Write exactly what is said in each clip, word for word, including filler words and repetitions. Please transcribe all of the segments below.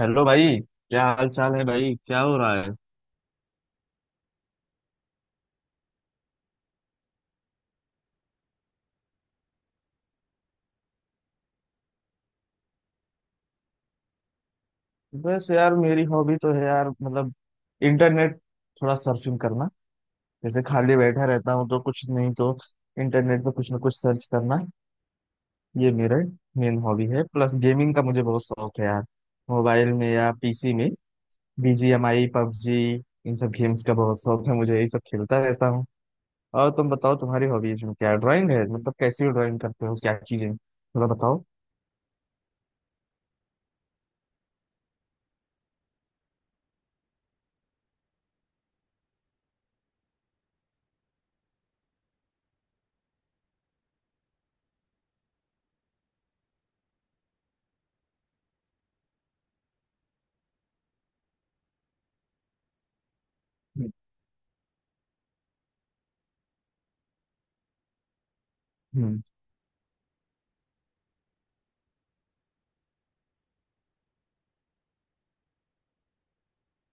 Hello भाई। क्या हाल चाल है भाई? क्या हो रहा है? बस यार, मेरी हॉबी तो है यार, मतलब इंटरनेट, थोड़ा सर्फिंग करना। जैसे खाली बैठा रहता हूँ तो कुछ नहीं तो इंटरनेट पे कुछ ना कुछ सर्च करना, ये मेरा मेन हॉबी है। प्लस गेमिंग का मुझे बहुत शौक है यार, मोबाइल में या पीसी में, बीजीएमआई पबजी, इन सब गेम्स का बहुत शौक है मुझे, यही सब खेलता रहता हूँ। और तुम बताओ, तुम्हारी हॉबीज में क्या? ड्राइंग है Drawing है? मतलब कैसी ड्राइंग करते हो, क्या चीजें, थोड़ा बताओ। हम्म।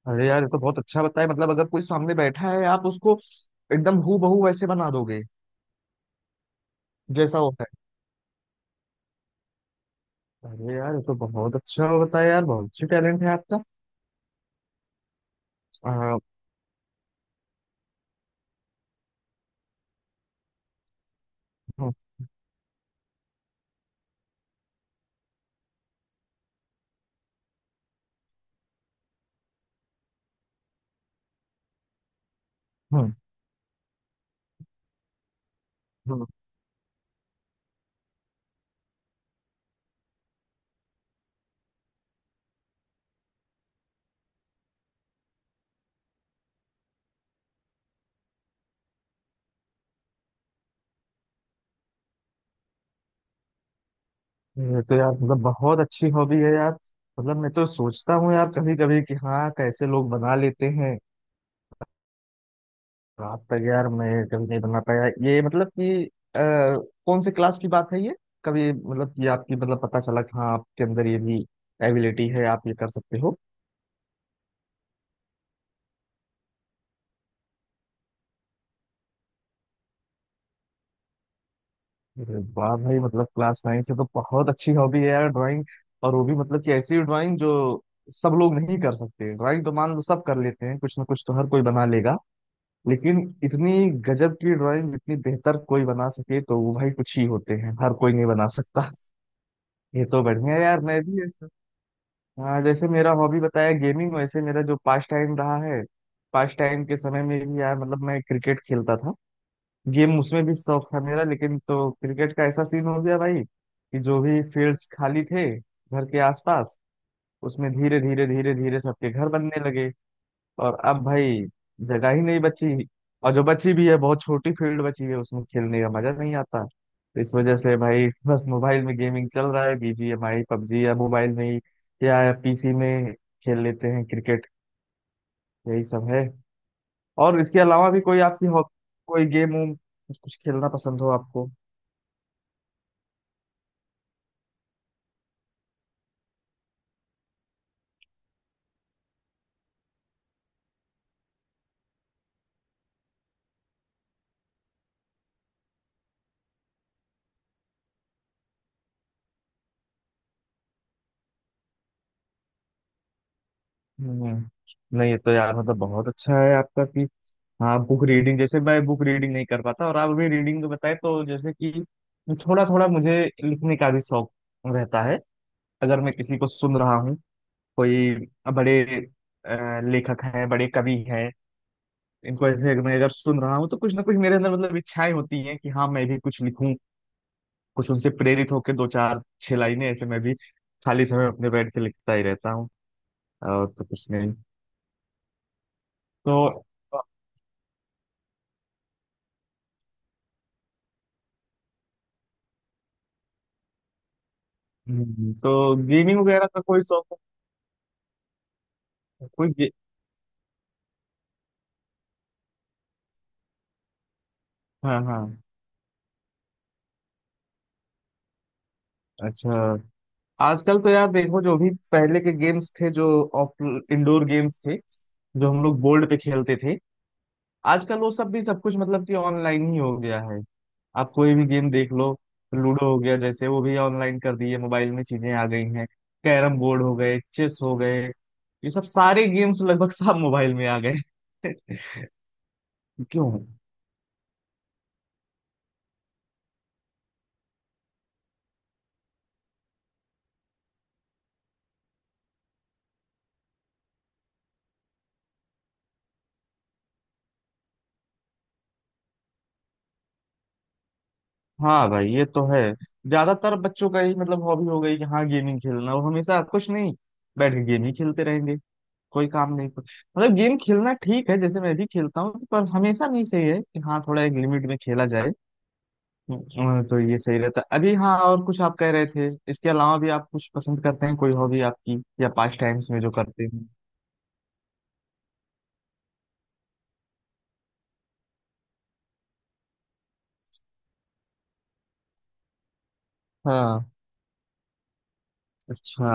अरे यार, ये तो बहुत अच्छा बताया, मतलब अगर कोई सामने बैठा है आप उसको एकदम हूबहू वैसे बना दोगे जैसा होता है। अरे यार, ये तो बहुत अच्छा बताया यार, बहुत अच्छी टैलेंट है आपका। आ, हम्म, हम्म, हम्म। ये तो यार मतलब बहुत अच्छी हॉबी है यार। मतलब मैं तो सोचता हूँ यार कभी कभी कि हाँ कैसे लोग बना लेते हैं रात तक, यार मैं कभी नहीं बना पाया ये, मतलब कि आ, कौन से क्लास की बात है ये? कभी मतलब कि आपकी मतलब पता चला कि हाँ आपके अंदर ये भी एबिलिटी है, आप ये कर सकते हो? अरे वाह भाई, मतलब क्लास नाइन से तो बहुत अच्छी हॉबी है यार, ड्राइंग। और वो भी मतलब कि ऐसी ड्राइंग जो सब लोग नहीं कर सकते। ड्राइंग तो मान लो सब कर लेते हैं, कुछ ना कुछ तो हर कोई बना लेगा, लेकिन इतनी गजब की ड्राइंग, इतनी बेहतर कोई बना सके तो वो भाई कुछ ही होते हैं, हर कोई नहीं बना सकता। ये तो बढ़िया है यार, मैं भी ऐसा, हाँ, जैसे मेरा हॉबी बताया गेमिंग, वैसे मेरा जो पास टाइम रहा है, पास टाइम के समय में भी यार मतलब मैं क्रिकेट खेलता था। गेम, उसमें भी शौक था मेरा, लेकिन तो क्रिकेट का ऐसा सीन हो गया भाई कि जो भी फील्ड्स खाली थे घर के आसपास, उसमें धीरे धीरे धीरे धीरे सबके घर बनने लगे, और अब भाई जगह ही नहीं बची, और जो बची भी है बहुत छोटी फील्ड बची है, उसमें खेलने का मजा नहीं आता। तो इस वजह से भाई बस मोबाइल में गेमिंग चल रहा है, बीजीएमआई पबजी, या मोबाइल में ही या पीसी में खेल लेते हैं क्रिकेट। यही सब है। और इसके अलावा भी कोई आपकी हॉब- कोई गेम वूम कुछ खेलना पसंद हो आपको? हम्म, नहीं, ये तो यार मतलब बहुत अच्छा है आपका कि हाँ बुक रीडिंग, जैसे मैं बुक रीडिंग नहीं कर पाता, और आप अभी रीडिंग बताए तो जैसे कि थोड़ा थोड़ा मुझे लिखने का भी शौक रहता है। अगर मैं किसी को सुन रहा हूँ, कोई बड़े अ, लेखक हैं, बड़े कवि हैं, इनको ऐसे अगर मैं अगर सुन रहा हूँ तो कुछ ना कुछ मेरे अंदर मतलब इच्छाएं होती हैं कि हाँ मैं भी कुछ लिखूं, कुछ उनसे प्रेरित होकर दो चार छह लाइनें ऐसे, मैं भी खाली समय अपने बैठ के लिखता ही रहता हूँ। और तो कुछ नहीं। तो हम्म, तो गेमिंग वगैरह का कोई शौक है? कोई गे... हाँ हाँ, अच्छा। आजकल तो यार देखो, जो भी पहले के गेम्स थे, जो इंडोर गेम्स थे जो हम लोग बोर्ड पे खेलते थे, आजकल वो सब भी सब कुछ मतलब कि ऑनलाइन ही हो गया है। आप कोई भी गेम देख लो, लूडो हो गया, जैसे वो भी ऑनलाइन कर दिए, मोबाइल में चीजें आ गई हैं, कैरम बोर्ड हो गए, चेस हो गए, ये सब सारे गेम्स लगभग सब मोबाइल में आ गए। क्यों। हाँ भाई, ये तो है, ज्यादातर बच्चों का ही मतलब हॉबी हो गई कि हाँ गेमिंग खेलना, वो हमेशा कुछ नहीं बैठ के गेम ही खेलते रहेंगे, कोई काम नहीं कुछ। मतलब गेम खेलना ठीक है, जैसे मैं भी खेलता हूँ, पर हमेशा नहीं, सही है कि हाँ थोड़ा एक लिमिट में खेला जाए। अ, तो ये सही रहता है। अभी हाँ और कुछ आप कह रहे थे? इसके अलावा भी आप कुछ पसंद करते हैं, कोई हॉबी आपकी या पास्ट टाइम्स में जो करते हैं? हाँ, अच्छा,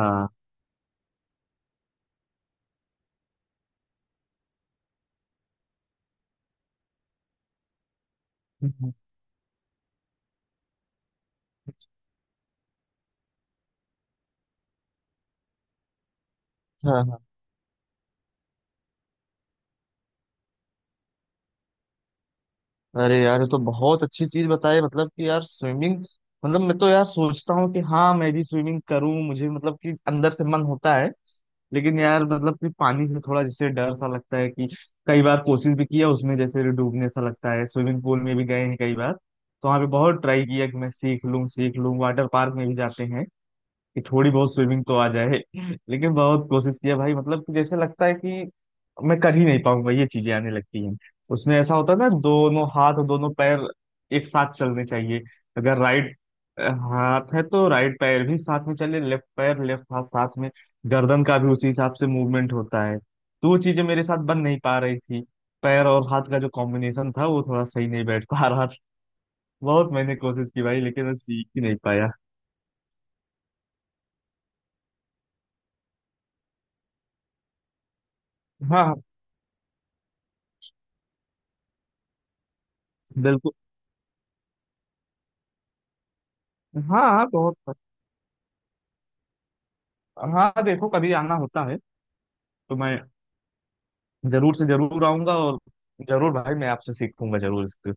हाँ। अरे यार ये तो बहुत अच्छी चीज बताई, मतलब कि यार स्विमिंग। मतलब मैं तो यार सोचता हूँ कि हाँ मैं भी स्विमिंग करूँ, मुझे मतलब कि अंदर से मन होता है, लेकिन यार मतलब कि पानी से थोड़ा जैसे डर सा लगता है कि, कई बार कोशिश भी किया उसमें, जैसे डूबने सा लगता है। स्विमिंग पूल में भी गए हैं कई बार, तो वहाँ पे बहुत ट्राई किया कि मैं सीख लूँ सीख लूँ, वाटर पार्क में भी जाते हैं कि थोड़ी बहुत स्विमिंग तो आ जाए, लेकिन बहुत कोशिश किया भाई, मतलब कि जैसे लगता है कि मैं कर ही नहीं पाऊंगा ये चीजें आने लगती हैं। उसमें ऐसा होता है ना, दोनों हाथ और दोनों पैर एक साथ चलने चाहिए, अगर राइट हाथ है तो राइट पैर भी साथ में चले, लेफ्ट पैर लेफ्ट हाथ साथ में, गर्दन का भी उसी हिसाब से मूवमेंट होता है, तो वो चीजें मेरे साथ बन नहीं पा रही थी, पैर और हाथ का जो कॉम्बिनेशन था वो थोड़ा सही नहीं बैठ पा रहा था। बहुत मैंने कोशिश की भाई लेकिन मैं सीख ही नहीं पाया। हाँ हाँ, बिल्कुल। हाँ हाँ बहुत। हाँ हाँ, देखो कभी आना होता है तो मैं जरूर से जरूर आऊंगा, और जरूर भाई मैं आपसे सीखूंगा जरूर इसके।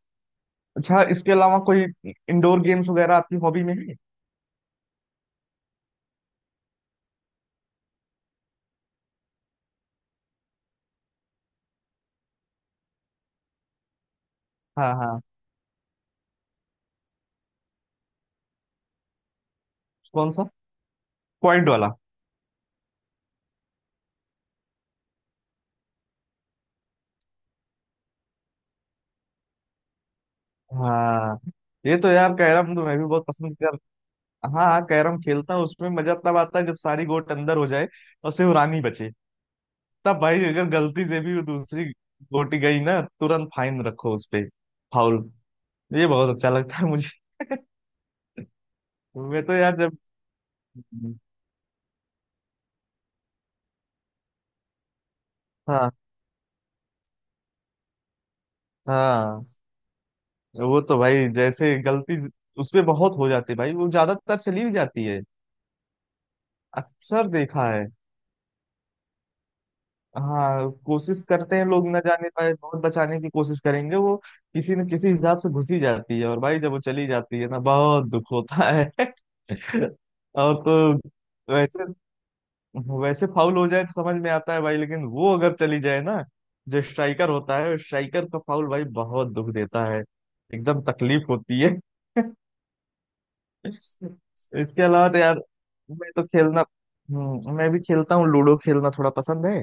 अच्छा, इसके अलावा कोई इंडोर गेम्स वगैरह आपकी हॉबी में है? हाँ हाँ, कौन सा? पॉइंट वाला? हाँ, ये तो यार कैरम तो मैं भी बहुत पसंद कर। हाँ हाँ, कैरम खेलता हूँ, उसमें मजा तब आता है जब सारी गोट अंदर हो जाए और सिर्फ रानी बचे, तब भाई अगर गलती से भी वो दूसरी गोटी गई ना, तुरंत फाइन रखो उस पे, फाउल। ये बहुत अच्छा लगता है मुझे। मैं तो यार जब, हम्म, हाँ हाँ, वो तो भाई जैसे गलती उसपे बहुत हो जाती है भाई, वो ज्यादातर चली भी जाती है, अक्सर देखा है। हाँ, कोशिश करते हैं लोग ना जाने पाए, बहुत बचाने की कोशिश करेंगे, वो किसी न किसी हिसाब से घुसी जाती है, और भाई जब वो चली जाती है ना, बहुत दुख होता है। और तो वैसे, वैसे फाउल हो जाए तो समझ में आता है भाई, लेकिन वो अगर चली जाए ना, जो स्ट्राइकर होता है, स्ट्राइकर का फाउल भाई बहुत दुख देता है, एकदम तकलीफ होती है। इस, इसके अलावा तो यार मैं तो खेलना, हम्म, मैं भी खेलता हूँ, लूडो खेलना थोड़ा पसंद है।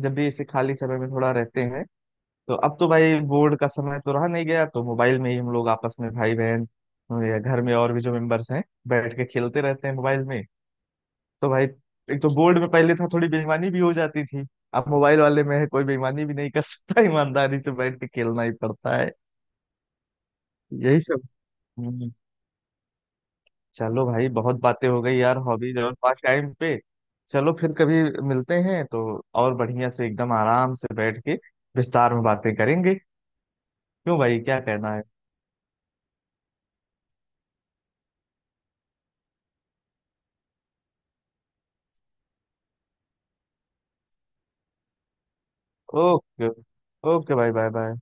जब भी इसे खाली समय में थोड़ा रहते हैं, तो अब तो भाई बोर्ड का समय तो रहा नहीं, गया तो मोबाइल में ही हम लोग आपस में भाई बहन या घर में और भी जो मेंबर्स हैं, बैठ के खेलते रहते हैं मोबाइल में। तो भाई एक तो बोर्ड में पहले था थोड़ी बेईमानी भी हो जाती थी, अब मोबाइल वाले में है कोई बेईमानी भी नहीं कर सकता, ईमानदारी से बैठ के खेलना ही पड़ता है। यही सब। चलो भाई, बहुत बातें हो गई यार हॉबीज और पास टाइम पे। चलो फिर कभी मिलते हैं तो और बढ़िया से एकदम आराम से बैठ के विस्तार में बातें करेंगे। क्यों भाई क्या कहना है? ओके। ओके भाई, बाय बाय।